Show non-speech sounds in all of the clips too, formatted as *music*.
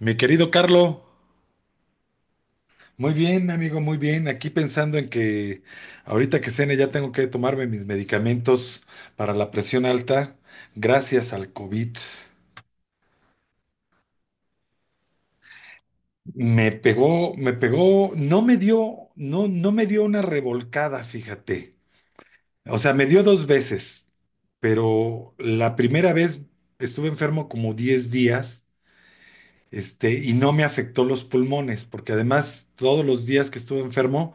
Mi querido Carlo, muy bien, amigo, muy bien. Aquí pensando en que ahorita que cene ya tengo que tomarme mis medicamentos para la presión alta, gracias al COVID. Me pegó, no me dio, no, no me dio una revolcada, fíjate. O sea, me dio dos veces, pero la primera vez estuve enfermo como 10 días y no me afectó los pulmones, porque además todos los días que estuve enfermo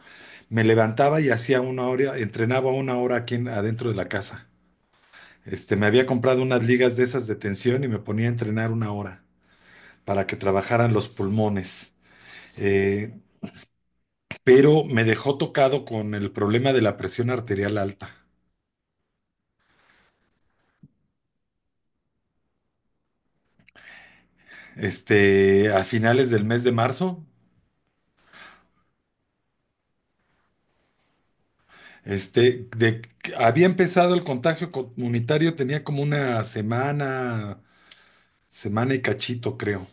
me levantaba y hacía una hora, entrenaba una hora aquí adentro de la casa. Me había comprado unas ligas de esas de tensión y me ponía a entrenar una hora para que trabajaran los pulmones. Eh, pero me dejó tocado con el problema de la presión arterial alta. A finales del mes de marzo, este, de, había empezado el contagio comunitario, tenía como una semana, semana y cachito, creo.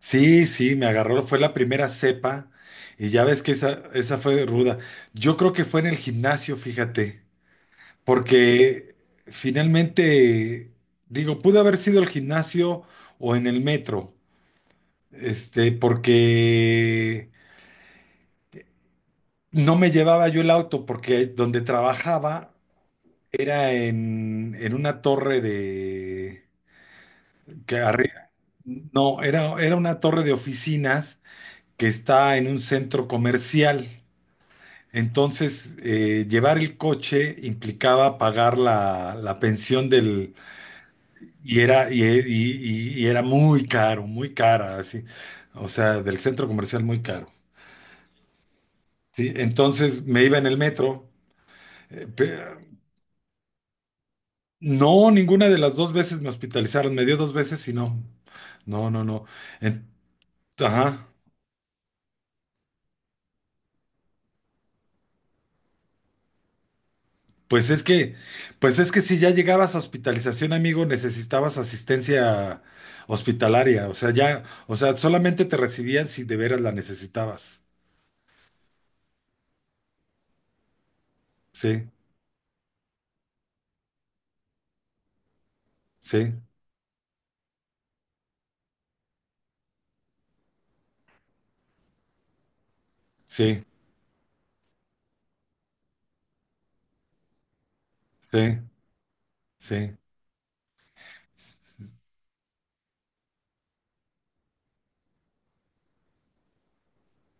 Sí, sí, me agarró, fue la primera cepa y ya ves que esa fue ruda. Yo creo que fue en el gimnasio, fíjate, porque finalmente, digo, pudo haber sido el gimnasio o en el metro, porque no me llevaba yo el auto, porque donde trabajaba era en una torre de, que arri- no, era una torre de oficinas que está en un centro comercial. Entonces, llevar el coche implicaba pagar la pensión del... Y era, y era muy caro, muy cara, así. O sea, del centro comercial muy caro. ¿Sí? Entonces me iba en el metro. eh, pe- no, ninguna de las dos veces me hospitalizaron. Me dio dos veces y no. No, no, no. En- ajá. Pues es que, pues es que si ya llegabas a hospitalización, amigo, necesitabas asistencia hospitalaria. O sea, ya, o sea, solamente te recibían si de veras la necesitabas. Sí, sí, sí, sí, sí,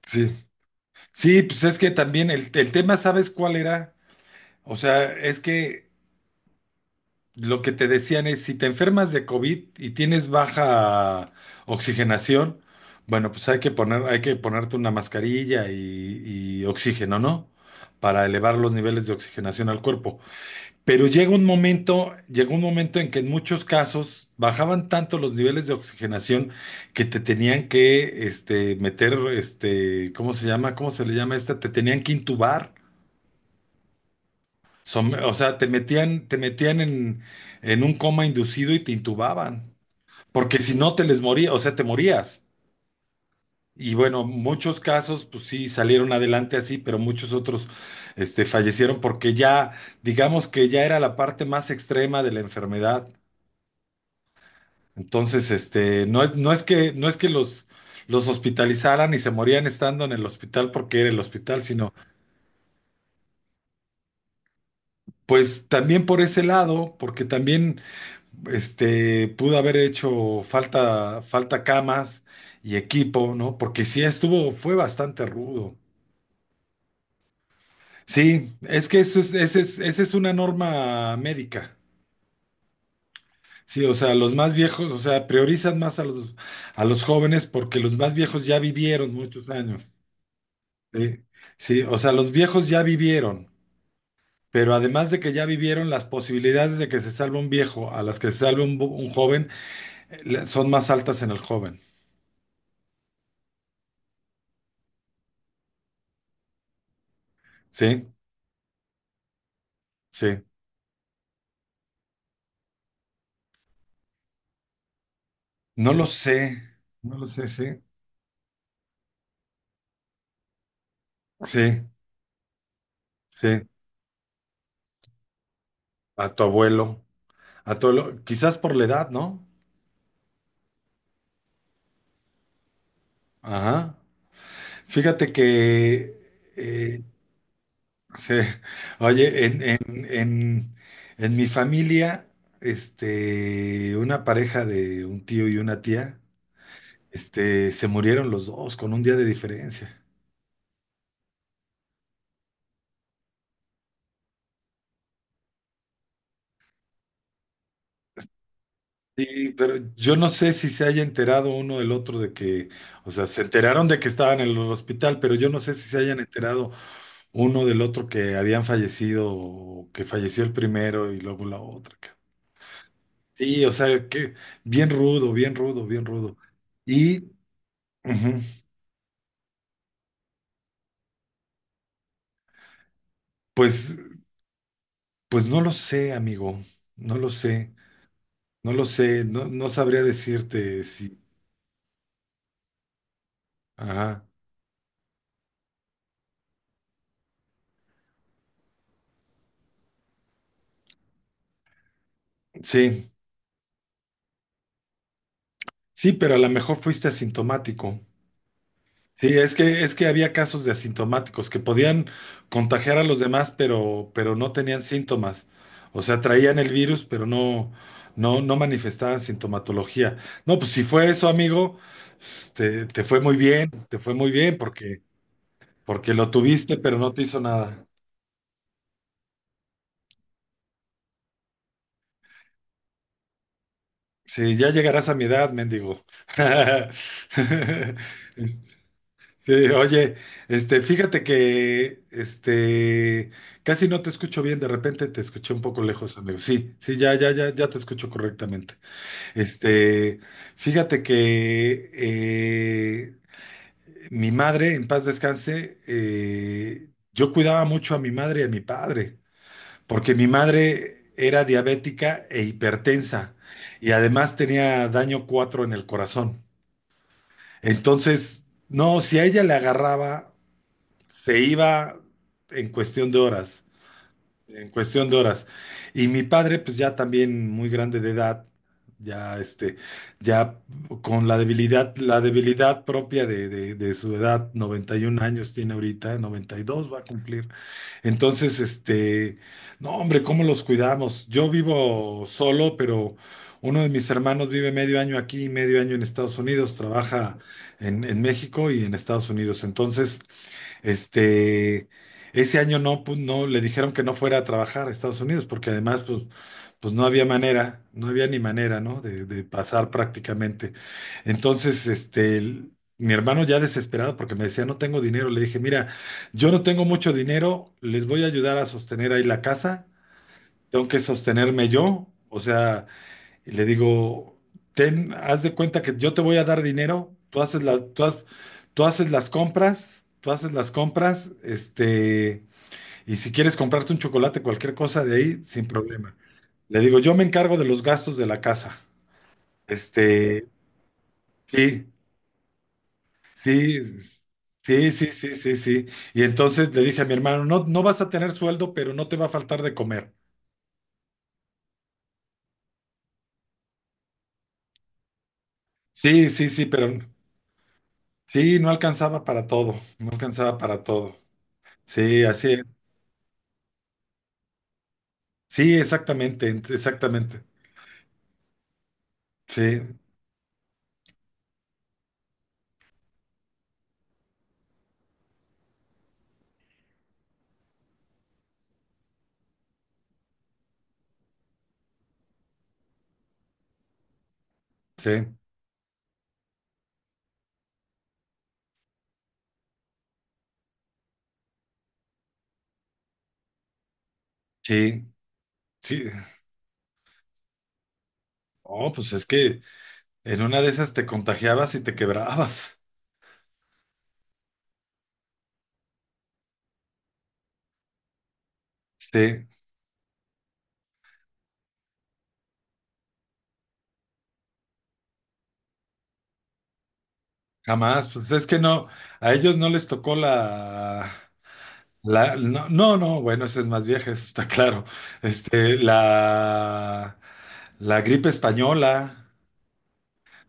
sí. Sí, pues es que también el tema, ¿sabes cuál era? O sea, es que lo que te decían es, si te enfermas de COVID y tienes baja oxigenación, bueno, pues hay que poner, hay que ponerte una mascarilla y oxígeno, ¿no? Para elevar los niveles de oxigenación al cuerpo. Pero llegó un momento en que en muchos casos bajaban tanto los niveles de oxigenación que te tenían que meter, ¿cómo se llama? ¿Cómo se le llama esta? Te tenían que intubar. O sea, te metían en un coma inducido y te intubaban, porque si no te les moría, o sea, te morías. Y bueno, muchos casos, pues sí, salieron adelante así, pero muchos otros, fallecieron porque ya, digamos que ya era la parte más extrema de la enfermedad. Entonces, no es que los hospitalizaran y se morían estando en el hospital porque era el hospital, sino, pues también por ese lado, porque también pudo haber hecho falta, falta camas y equipo, ¿no? Porque sí estuvo, fue bastante rudo. Sí, es que eso es, ese es, esa es una norma médica. Sí, o sea, los más viejos, o sea, priorizan más a a los jóvenes porque los más viejos ya vivieron muchos años. Sí, sí, o sea, los viejos ya vivieron, pero además de que ya vivieron, las posibilidades de que se salve un viejo a las que se salve un joven son más altas en el joven. Sí, sí. No lo sé, no lo sé, sí, sí, sí, a tu abuelo, a tu abuelo, quizás por la edad, ¿no? Ajá. Fíjate que, sí, oye, en mi familia, una pareja de un tío y una tía, se murieron los dos con un día de diferencia. Sí, pero yo no sé si se haya enterado uno del otro de que, o sea, se enteraron de que estaban en el hospital, pero yo no sé si se hayan enterado uno del otro que habían fallecido, o que falleció el primero y luego la otra. Sí, o sea, que bien rudo, bien rudo, bien rudo. Y ujú, pues, pues no lo sé, amigo, no lo sé, no lo sé, no, no sabría decirte si. Ajá, sí, sí, pero a lo mejor fuiste asintomático. Sí, es que había casos de asintomáticos que podían contagiar a los demás, pero no tenían síntomas. O sea, traían el virus, pero no, no, no manifestaban sintomatología. No, pues si fue eso, amigo, pues, te fue muy bien, te fue muy bien porque, porque lo tuviste, pero no te hizo nada. Sí, ya llegarás a mi edad, mendigo. *laughs* Este, Sí, oye, este, fíjate que, este, casi no te escucho bien, de repente te escuché un poco lejos, amigo. Sí, sí, ya, ya, ya, ya te escucho correctamente. Este, fíjate que mi madre, en paz descanse, yo cuidaba mucho a mi madre y a mi padre, porque mi madre era diabética e hipertensa y además tenía daño 4 en el corazón. Entonces, no, si a ella le agarraba se iba en cuestión de horas, en cuestión de horas. Y mi padre, pues ya también muy grande de edad, ya este, ya con la debilidad propia de su edad, 91 años tiene ahorita, 92 va a cumplir. Entonces, no, hombre, ¿cómo los cuidamos? Yo vivo solo, pero uno de mis hermanos vive medio año aquí y medio año en Estados Unidos, trabaja en México y en Estados Unidos. Entonces, este, ese año no, no le dijeron que no fuera a trabajar a Estados Unidos, porque además, pues, pues no había manera, no había ni manera, ¿no? De pasar prácticamente. Entonces, mi hermano ya desesperado, porque me decía, no tengo dinero, le dije, mira, yo no tengo mucho dinero, les voy a ayudar a sostener ahí la casa, tengo que sostenerme yo, o sea. Y le digo, ten, haz de cuenta que yo te voy a dar dinero, tú haces las compras, y si quieres comprarte un chocolate, cualquier cosa de ahí, sin problema. Le digo, yo me encargo de los gastos de la casa. Este, sí, sí, sí, sí, sí, sí, sí. Y entonces le dije a mi hermano, no, no vas a tener sueldo, pero no te va a faltar de comer. Sí, sí, sí, pero sí, no alcanzaba para todo, no alcanzaba para todo. Sí, así es. Sí, exactamente, exactamente. Sí, sí, sí, sí. Oh, pues es que en una de esas te contagiabas y te quebrabas. Sí, jamás. Pues es que no, a ellos no les tocó la, la, no, no, no, bueno, ese es más vieja, eso está claro. Este, la, la gripe española,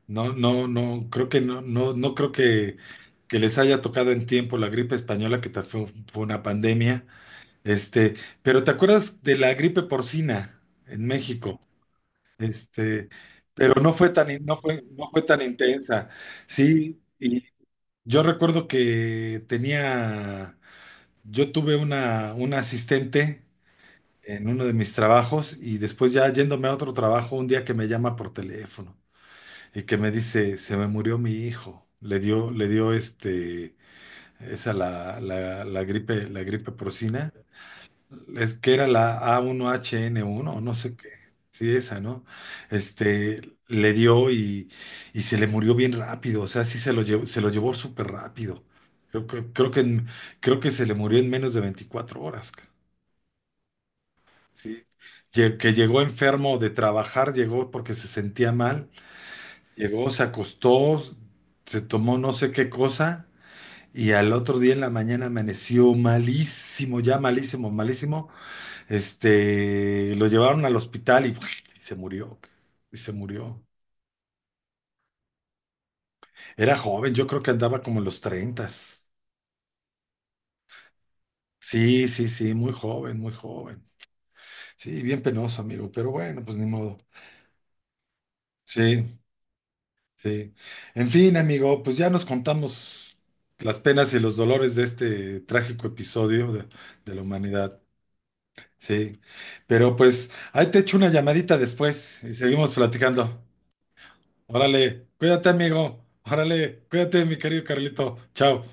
no, no, no, creo que no, no, no creo que les haya tocado en tiempo la gripe española, fue fue una pandemia. Este, pero ¿te acuerdas de la gripe porcina en México? Este, pero no fue tan, no fue, no fue tan intensa. Sí, y yo recuerdo yo tuve una asistente en uno de mis trabajos y después ya yéndome a otro trabajo, un día que me llama por teléfono y que me dice, se me murió mi hijo. Le dio esa la gripe porcina. Es que era la A1HN1, no sé qué, sí, esa, ¿no? Le dio y se le murió bien rápido, o sea, sí se lo llevó súper rápido. Creo que, creo que se le murió en menos de 24 horas, ¿sí? Que llegó enfermo de trabajar, llegó porque se sentía mal, llegó, se acostó, se tomó no sé qué cosa. Y al otro día en la mañana amaneció malísimo, ya malísimo, malísimo, lo llevaron al hospital y, *laughs* se murió, y se murió. Era joven, yo creo que andaba como en los treintas. Sí, sí, sí, muy joven, muy joven. Sí, bien penoso, amigo, pero bueno, pues ni modo. Sí, sí. En fin, amigo, pues ya nos contamos las penas y los dolores de este trágico episodio de la humanidad. Sí, pero pues ahí te echo una llamadita después y seguimos platicando. Órale, cuídate, amigo. Órale, cuídate, mi querido Carlito. Chao.